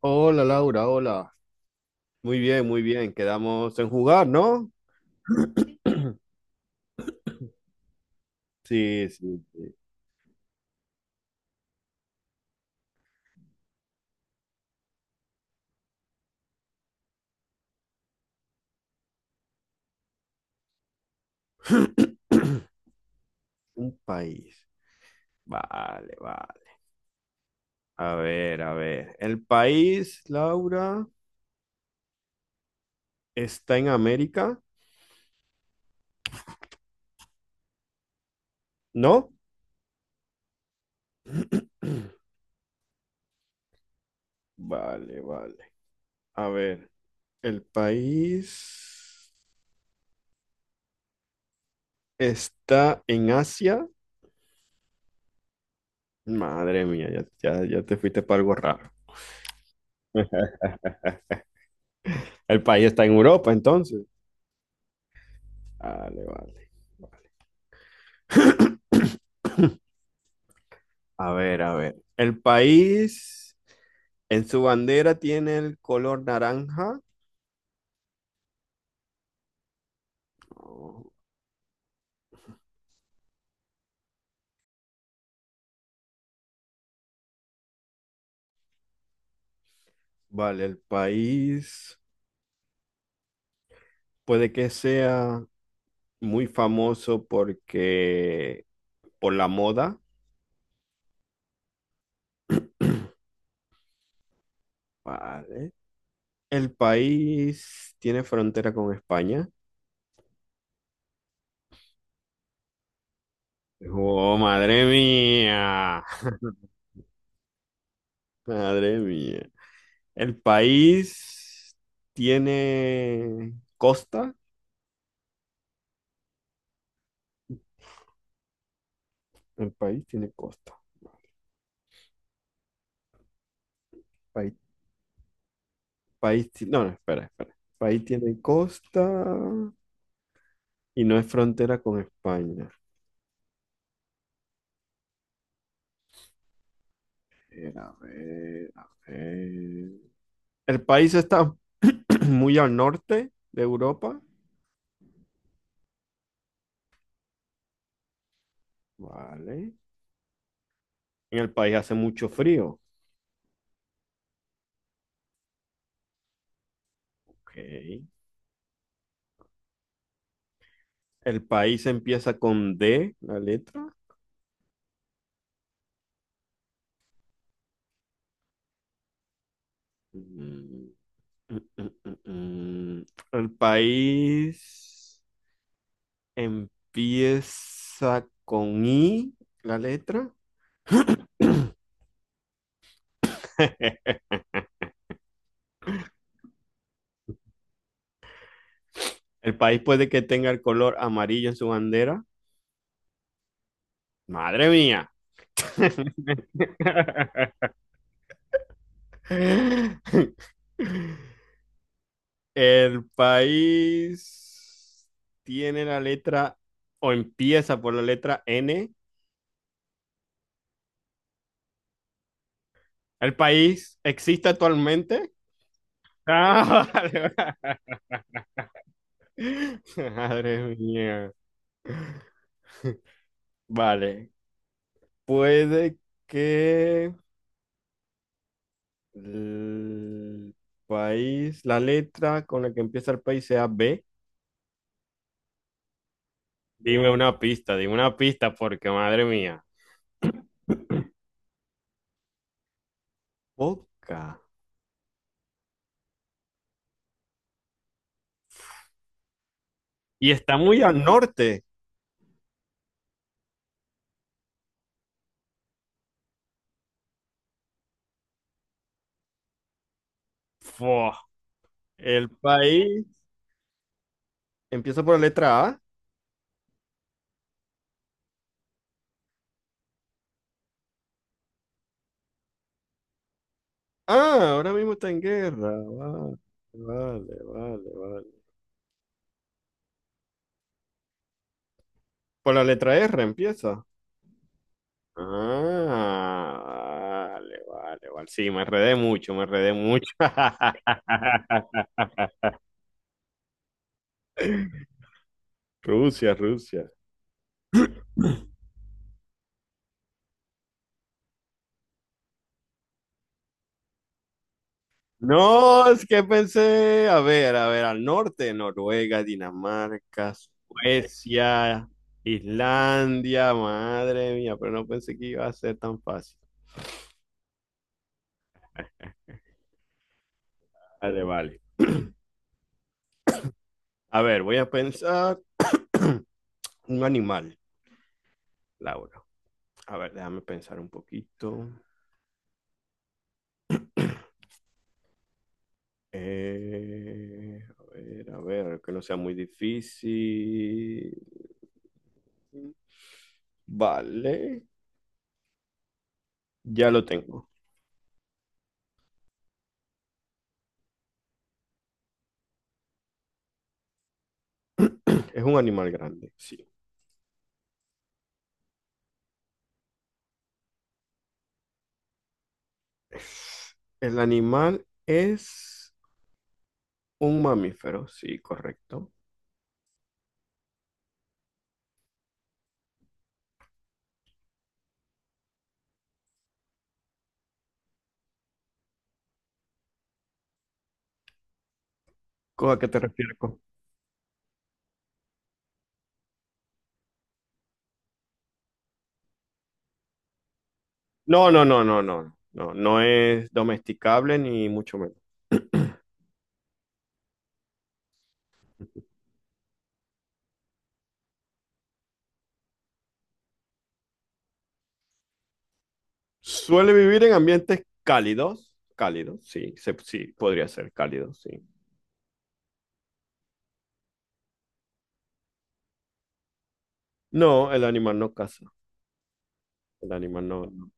Hola Laura, hola. Muy bien, muy bien. Quedamos en jugar, ¿no? Sí, sí, sí. Un país. Vale, vale. A ver, a ver. El país, Laura, está en América, ¿no? Vale, vale. A ver, el país está en Asia. Madre mía, ya, ya, ya te fuiste para algo raro. El país está en Europa, entonces. Vale, vale, vale. A ver, a ver. El país en su bandera tiene el color naranja. Oh, vale, el país puede que sea muy famoso porque por la moda. Vale. El país tiene frontera con España. Oh, madre mía. Madre mía. El país tiene costa. El país tiene costa. País. País, no, no, espera, espera. País tiene costa y no es frontera con España. A ver, a ver. El país está muy al norte de Europa. Vale. En el país hace mucho frío. Ok. El país empieza con D, la letra. Mm, mm, mm, mm, mm. El país empieza con I, la letra. El país puede que tenga el color amarillo en su bandera. Madre mía. El país tiene la letra o empieza por la letra N. ¿El país existe actualmente? Ah, vale, vale. Madre mía. Vale. Puede que el país, la letra con la que empieza el país sea B. Dime una pista, porque madre mía. Boca. Y está muy al norte. Fua. El país empieza por la letra A. Ah, ahora mismo está en guerra. Vale, vale, vale, vale. Por la letra R empieza. Ah, vale, vale, vale. Sí, me enredé mucho, me enredé mucho. Rusia, Rusia. No, es que pensé, a ver, al norte, Noruega, Dinamarca, Suecia, Islandia, madre mía, pero no pensé que iba a ser tan fácil. Vale, vale. A ver, voy a pensar un animal, Laura. A ver, déjame pensar un poquito. A ver, que no sea muy difícil. Vale, ya lo tengo. Es un animal grande, sí. El animal es un mamífero, sí, correcto. ¿A qué te refieres? Co? No, no es domesticable ni mucho menos. Suele vivir en ambientes cálidos, cálidos, sí, sí, podría ser cálido, sí. No, el animal no caza, el animal no. No.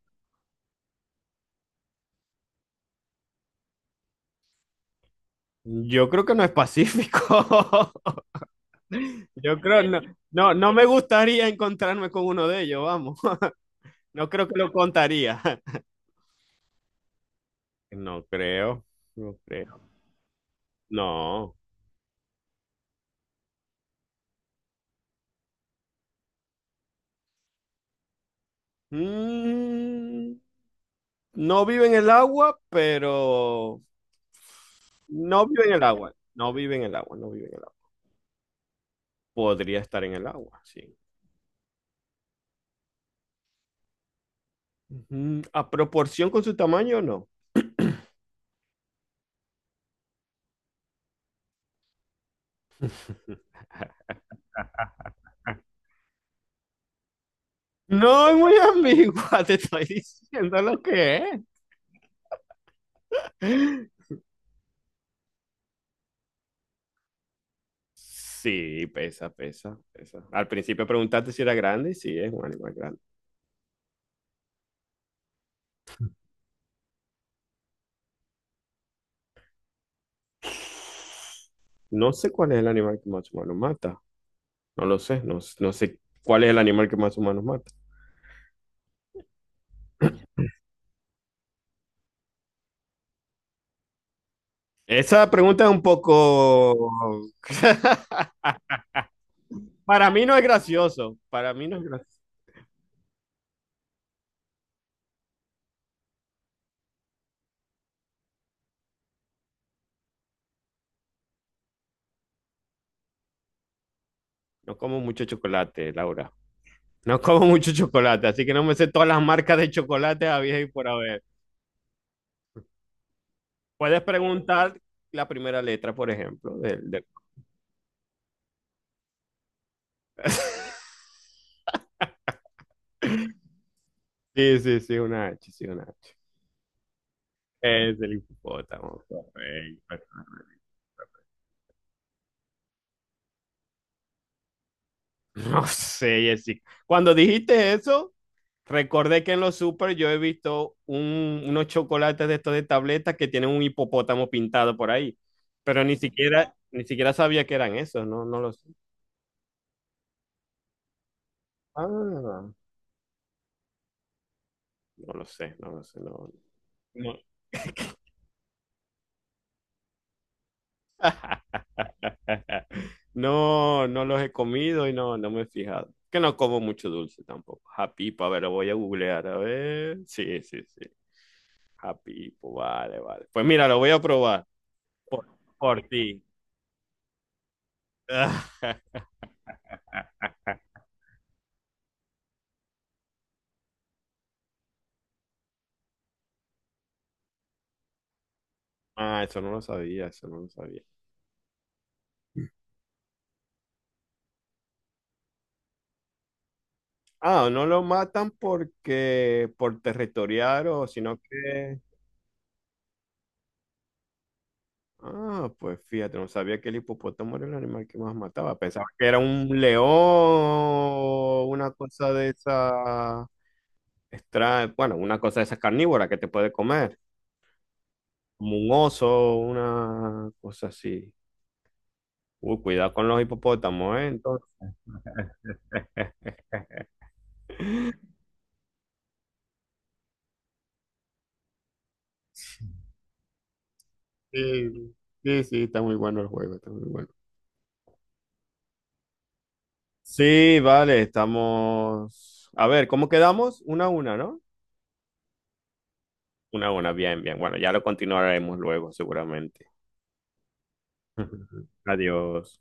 Yo creo que no es pacífico. Yo creo, no, no, no me gustaría encontrarme con uno de ellos, vamos. No creo que lo contaría. No creo, no creo. No. Mm, no vive en el agua, pero no vive en el agua. No vive en el agua, no vive en el agua. Podría estar en el agua, sí. Ujú. ¿A proporción con su tamaño no? No es muy ambigua, te estoy diciendo lo que es. Sí, pesa, pesa, pesa. Al principio preguntaste si era grande y sí, es un animal grande. No sé cuál es el animal que más humano mata. No lo sé, no, no sé cuál es el animal que más humanos mata. Esa pregunta es un poco... Para mí no es gracioso, para mí no es gracioso. No como mucho chocolate, Laura. No como mucho chocolate, así que no me sé todas las marcas de chocolate a y por haber. Puedes preguntar la primera letra, por ejemplo, del. Sí, sí, sí, una H. Es el hipopótamo. Correcto. No sé, Jessica. Cuando dijiste eso, recordé que en los super yo he visto unos chocolates de estos de tabletas que tienen un hipopótamo pintado por ahí. Pero ni siquiera, ni siquiera sabía que eran esos, no, no lo sé. Ah, no lo sé, no lo sé, no. No, no, no los he comido y no, no me he fijado. Que no como mucho dulce tampoco. Japipo, a ver, lo voy a googlear, a ver. Sí, sí, sí. Japipo, vale, vale. Pues mira, lo voy a probar. Por, por ti. Ah, eso no lo sabía, eso no lo sabía. Ah, no lo matan porque por territoriar o sino que... Ah, pues fíjate, no sabía que el hipopótamo era el animal que más mataba. Pensaba que era un león, una cosa de esa extra, bueno, una cosa de esas carnívora que te puede comer, como un oso, una cosa así. Uy, cuidado con los hipopótamos, ¿eh? Entonces, sí, sí, sí, está muy bueno el juego, está muy bueno. Sí, vale, estamos. A ver, ¿cómo quedamos? Una a una, ¿no? Una a una, bien, bien. Bueno, ya lo continuaremos luego, seguramente. Adiós.